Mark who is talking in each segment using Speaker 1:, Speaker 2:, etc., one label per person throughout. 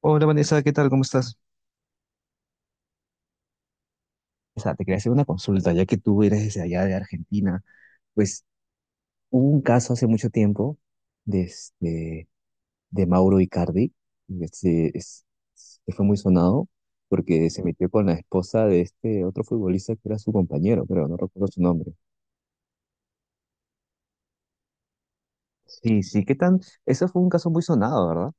Speaker 1: Hola Vanessa, ¿qué tal? ¿Cómo estás? O sea, te quería hacer una consulta, ya que tú eres desde allá de Argentina. Pues hubo un caso hace mucho tiempo de, de Mauro Icardi, que se- es- que fue muy sonado porque se metió con la esposa de este otro futbolista que era su compañero, pero no recuerdo su nombre. Sí, sí, ¿qué tan? Eso fue un caso muy sonado, ¿verdad?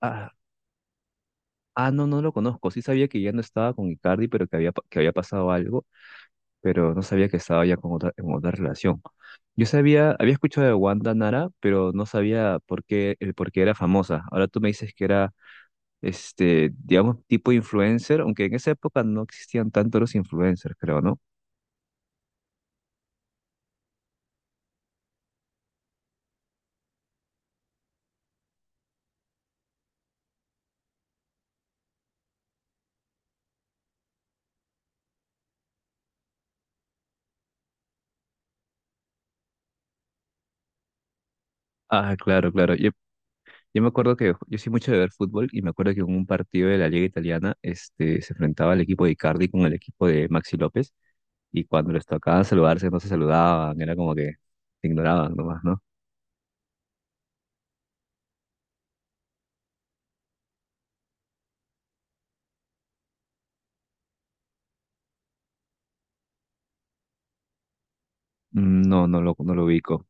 Speaker 1: Ah, ah, no, no lo conozco. Sí sabía que ya no estaba con Icardi, pero que había, que había pasado algo, pero no sabía que estaba ya con otra, en otra relación. Yo sabía, había escuchado de Wanda Nara, pero no sabía por qué, el por qué era famosa. Ahora tú me dices que era, este, digamos, tipo influencer, aunque en esa época no existían tanto los influencers, creo, ¿no? Ah, claro, claro. Yo me acuerdo que yo soy mucho de ver fútbol y me acuerdo que en un partido de la Liga Italiana, este, se enfrentaba el equipo de Icardi con el equipo de Maxi López y cuando les tocaba saludarse no se saludaban, era como que se ignoraban nomás, ¿no? Mm. No, no lo, no lo ubico.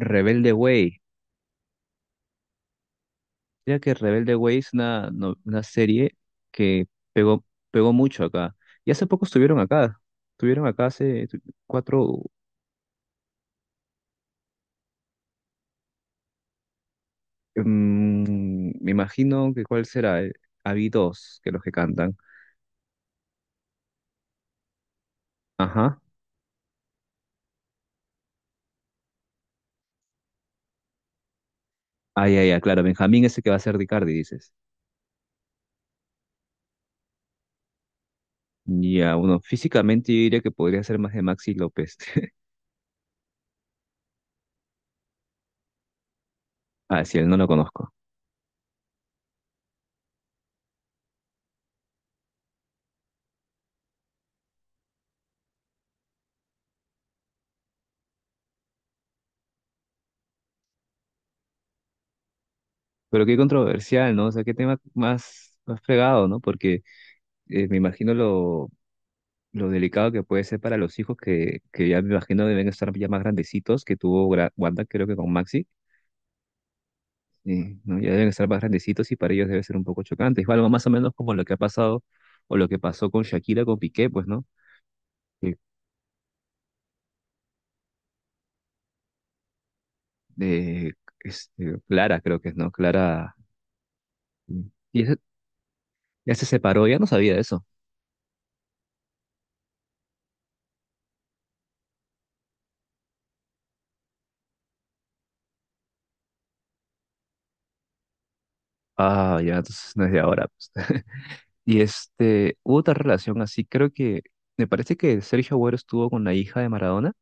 Speaker 1: Rebelde Way. Mira que Rebelde Way es una, una serie que pegó, pegó mucho acá. Y hace poco estuvieron acá. Estuvieron acá cuatro. Mm, me imagino que cuál será. Habí dos que los que cantan. Ajá. Ah, ya, ya, claro. Benjamín ese que va a ser Ricardi, dices. Ya, uno físicamente yo diría que podría ser más de Maxi López. Ah, sí, él no lo conozco. Pero qué controversial, ¿no? O sea, qué tema más, más fregado, ¿no? Porque me imagino lo delicado que puede ser para los hijos que ya me imagino deben estar ya más grandecitos que tuvo Wanda, creo que con Maxi, ¿no? Ya deben estar más grandecitos y para ellos debe ser un poco chocante. Es algo más o menos como lo que ha pasado o lo que pasó con Shakira, con Piqué, pues, ¿no? Eh, eh, Clara, creo que es, ¿no? Clara. Mm. Y ese- ya se separó, ya no sabía de eso. Ah, ya, entonces no es de ahora, pues. Y este, hubo otra relación así, creo que, me parece que Sergio Agüero estuvo con la hija de Maradona.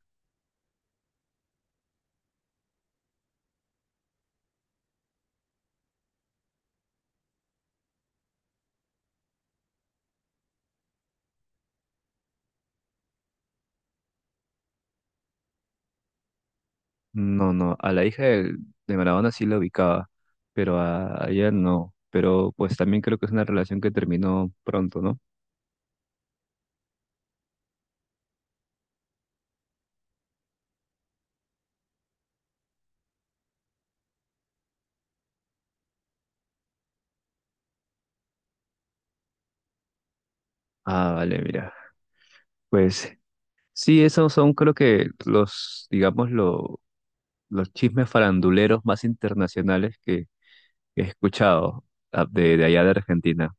Speaker 1: No, no, a de Maradona sí la ubicaba, pero a ella no. Pero pues también creo que es una relación que terminó pronto, ¿no? Ah, vale, mira. Pues sí, esos son creo que los, digamos, los chismes faranduleros más internacionales que he escuchado, de allá de Argentina.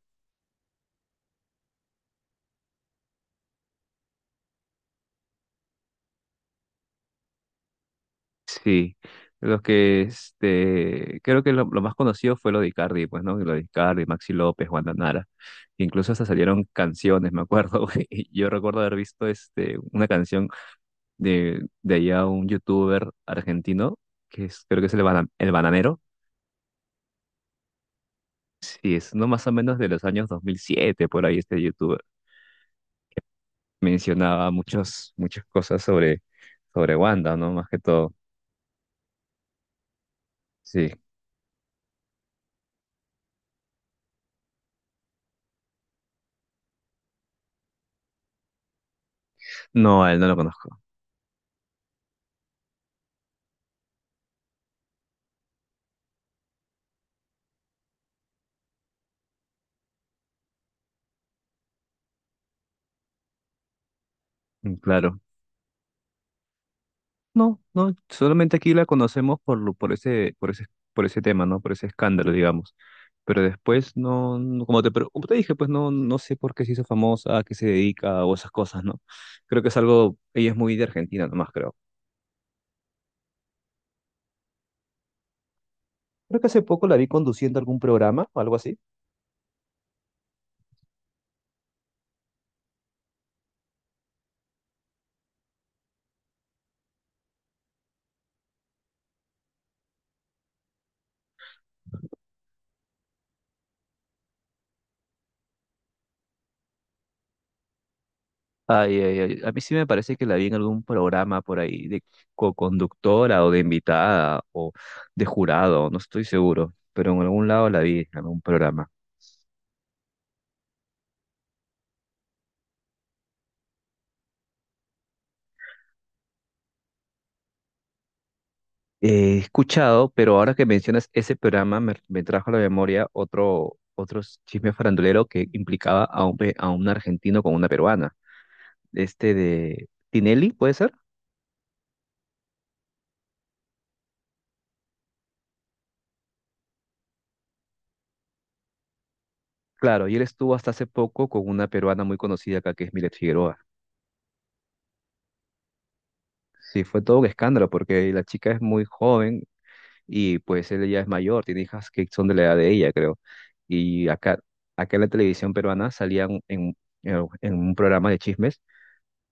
Speaker 1: Sí, los que este, creo que lo más conocido fue lo de Icardi, pues, ¿no? Lo de Icardi, Maxi López, Wanda Nara. Incluso hasta salieron canciones, me acuerdo. Y yo recuerdo haber visto este, una canción de allá un youtuber argentino, que es, creo que es el, el Bananero. Sí, es no más o menos de los años 2007 por ahí este youtuber. Mencionaba muchos, muchas cosas sobre, sobre Wanda, ¿no? Más que todo. Sí. No, a él no lo conozco. Claro. No, no, solamente aquí la conocemos por, por ese, por ese, por ese tema, ¿no? Por ese escándalo, digamos. Pero después no, como te, como te dije, pues no, no sé por qué se hizo famosa, a qué se dedica o esas cosas, ¿no? Creo que es algo, ella es muy de Argentina nomás, creo. Creo que hace poco la vi conduciendo algún programa o algo así. Ay, ay, ay. A mí sí me parece que la vi en algún programa por ahí de co-conductora o de invitada o de jurado, no estoy seguro, pero en algún lado la vi en algún programa. He escuchado, pero ahora que mencionas ese programa, me trajo a la memoria otro, otro chisme farandulero que implicaba a un, a un argentino con una peruana. Este de Tinelli, ¿puede ser? Claro, y él estuvo hasta hace poco con una peruana muy conocida acá, que es Milet Figueroa. Sí, fue todo un escándalo porque la chica es muy joven y pues él ya es mayor, tiene hijas que son de la edad de ella, creo. Y acá, acá en la televisión peruana salían en, en un programa de chismes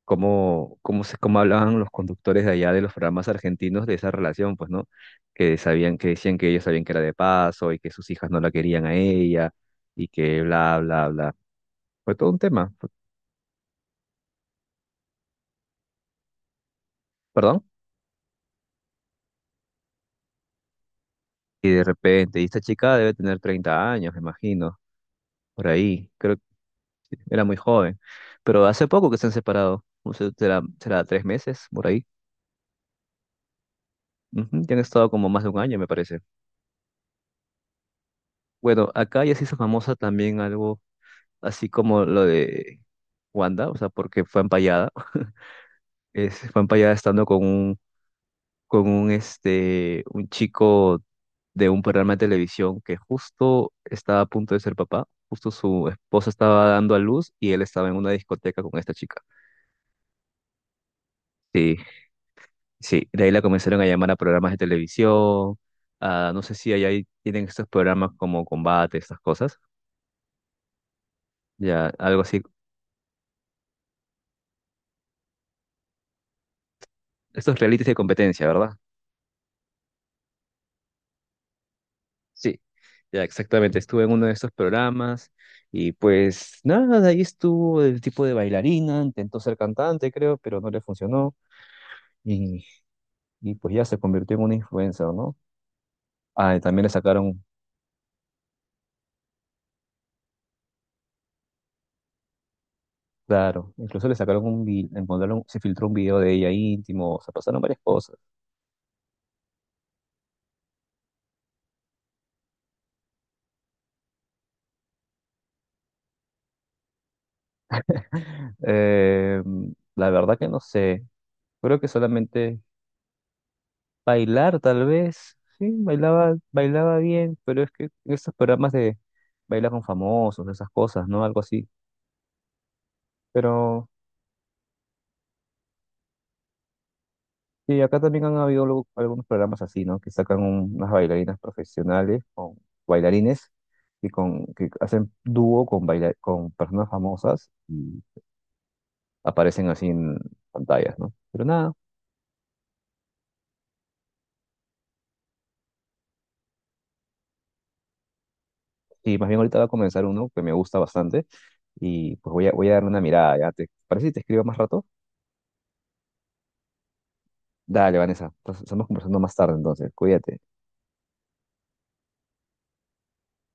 Speaker 1: cómo, cómo, se, cómo hablaban los conductores de allá de los programas argentinos de esa relación, pues, ¿no? Que sabían, que decían que ellos sabían que era de paso y que sus hijas no la querían a ella y que bla, bla, bla. Fue todo un tema, perdón. Y de repente, y esta chica debe tener 30 años, me imagino, por ahí. Creo que era muy joven. Pero hace poco que se han separado, no sé, será, será 3 meses, por ahí. Ujú, ya han estado como más de un año, me parece. Bueno, acá ya se hizo famosa también algo así como lo de Wanda, o sea, porque fue empallada. Es, fue empallada estando con un, este, un chico de un programa de televisión que justo estaba a punto de ser papá. Justo su esposa estaba dando a luz y él estaba en una discoteca con esta chica. Sí, sí. De ahí la comenzaron a llamar a programas de televisión. No sé si allá tienen estos programas como combate, estas cosas. Ya, algo así. Estos realities de competencia, ¿verdad? Sí, ya exactamente. Estuve en uno de esos programas y pues nada, de ahí estuvo el tipo de bailarina, intentó ser cantante, creo, pero no le funcionó y, y pues ya se convirtió en una influencer, ¿no? Ah, y también le sacaron, claro, incluso le sacaron encontraron, se filtró un video de ella íntimo, o sea, pasaron varias cosas. Eh, la verdad que no sé, creo que solamente bailar, tal vez. Sí, bailaba, bailaba bien, pero es que esos programas de baila con famosos, esas cosas, ¿no? Algo así. Pero sí, acá también han habido luego algunos programas así, ¿no? Que sacan unas bailarinas profesionales o bailarines y con, que hacen dúo con, con personas famosas y aparecen así en pantallas, ¿no? Pero nada, sí, más bien ahorita va a comenzar uno que me gusta bastante y pues voy a, voy a darle una mirada, ¿ya? ¿Te parece si te escribo más rato? Dale, Vanessa. Entonces, estamos conversando más tarde, entonces. Cuídate.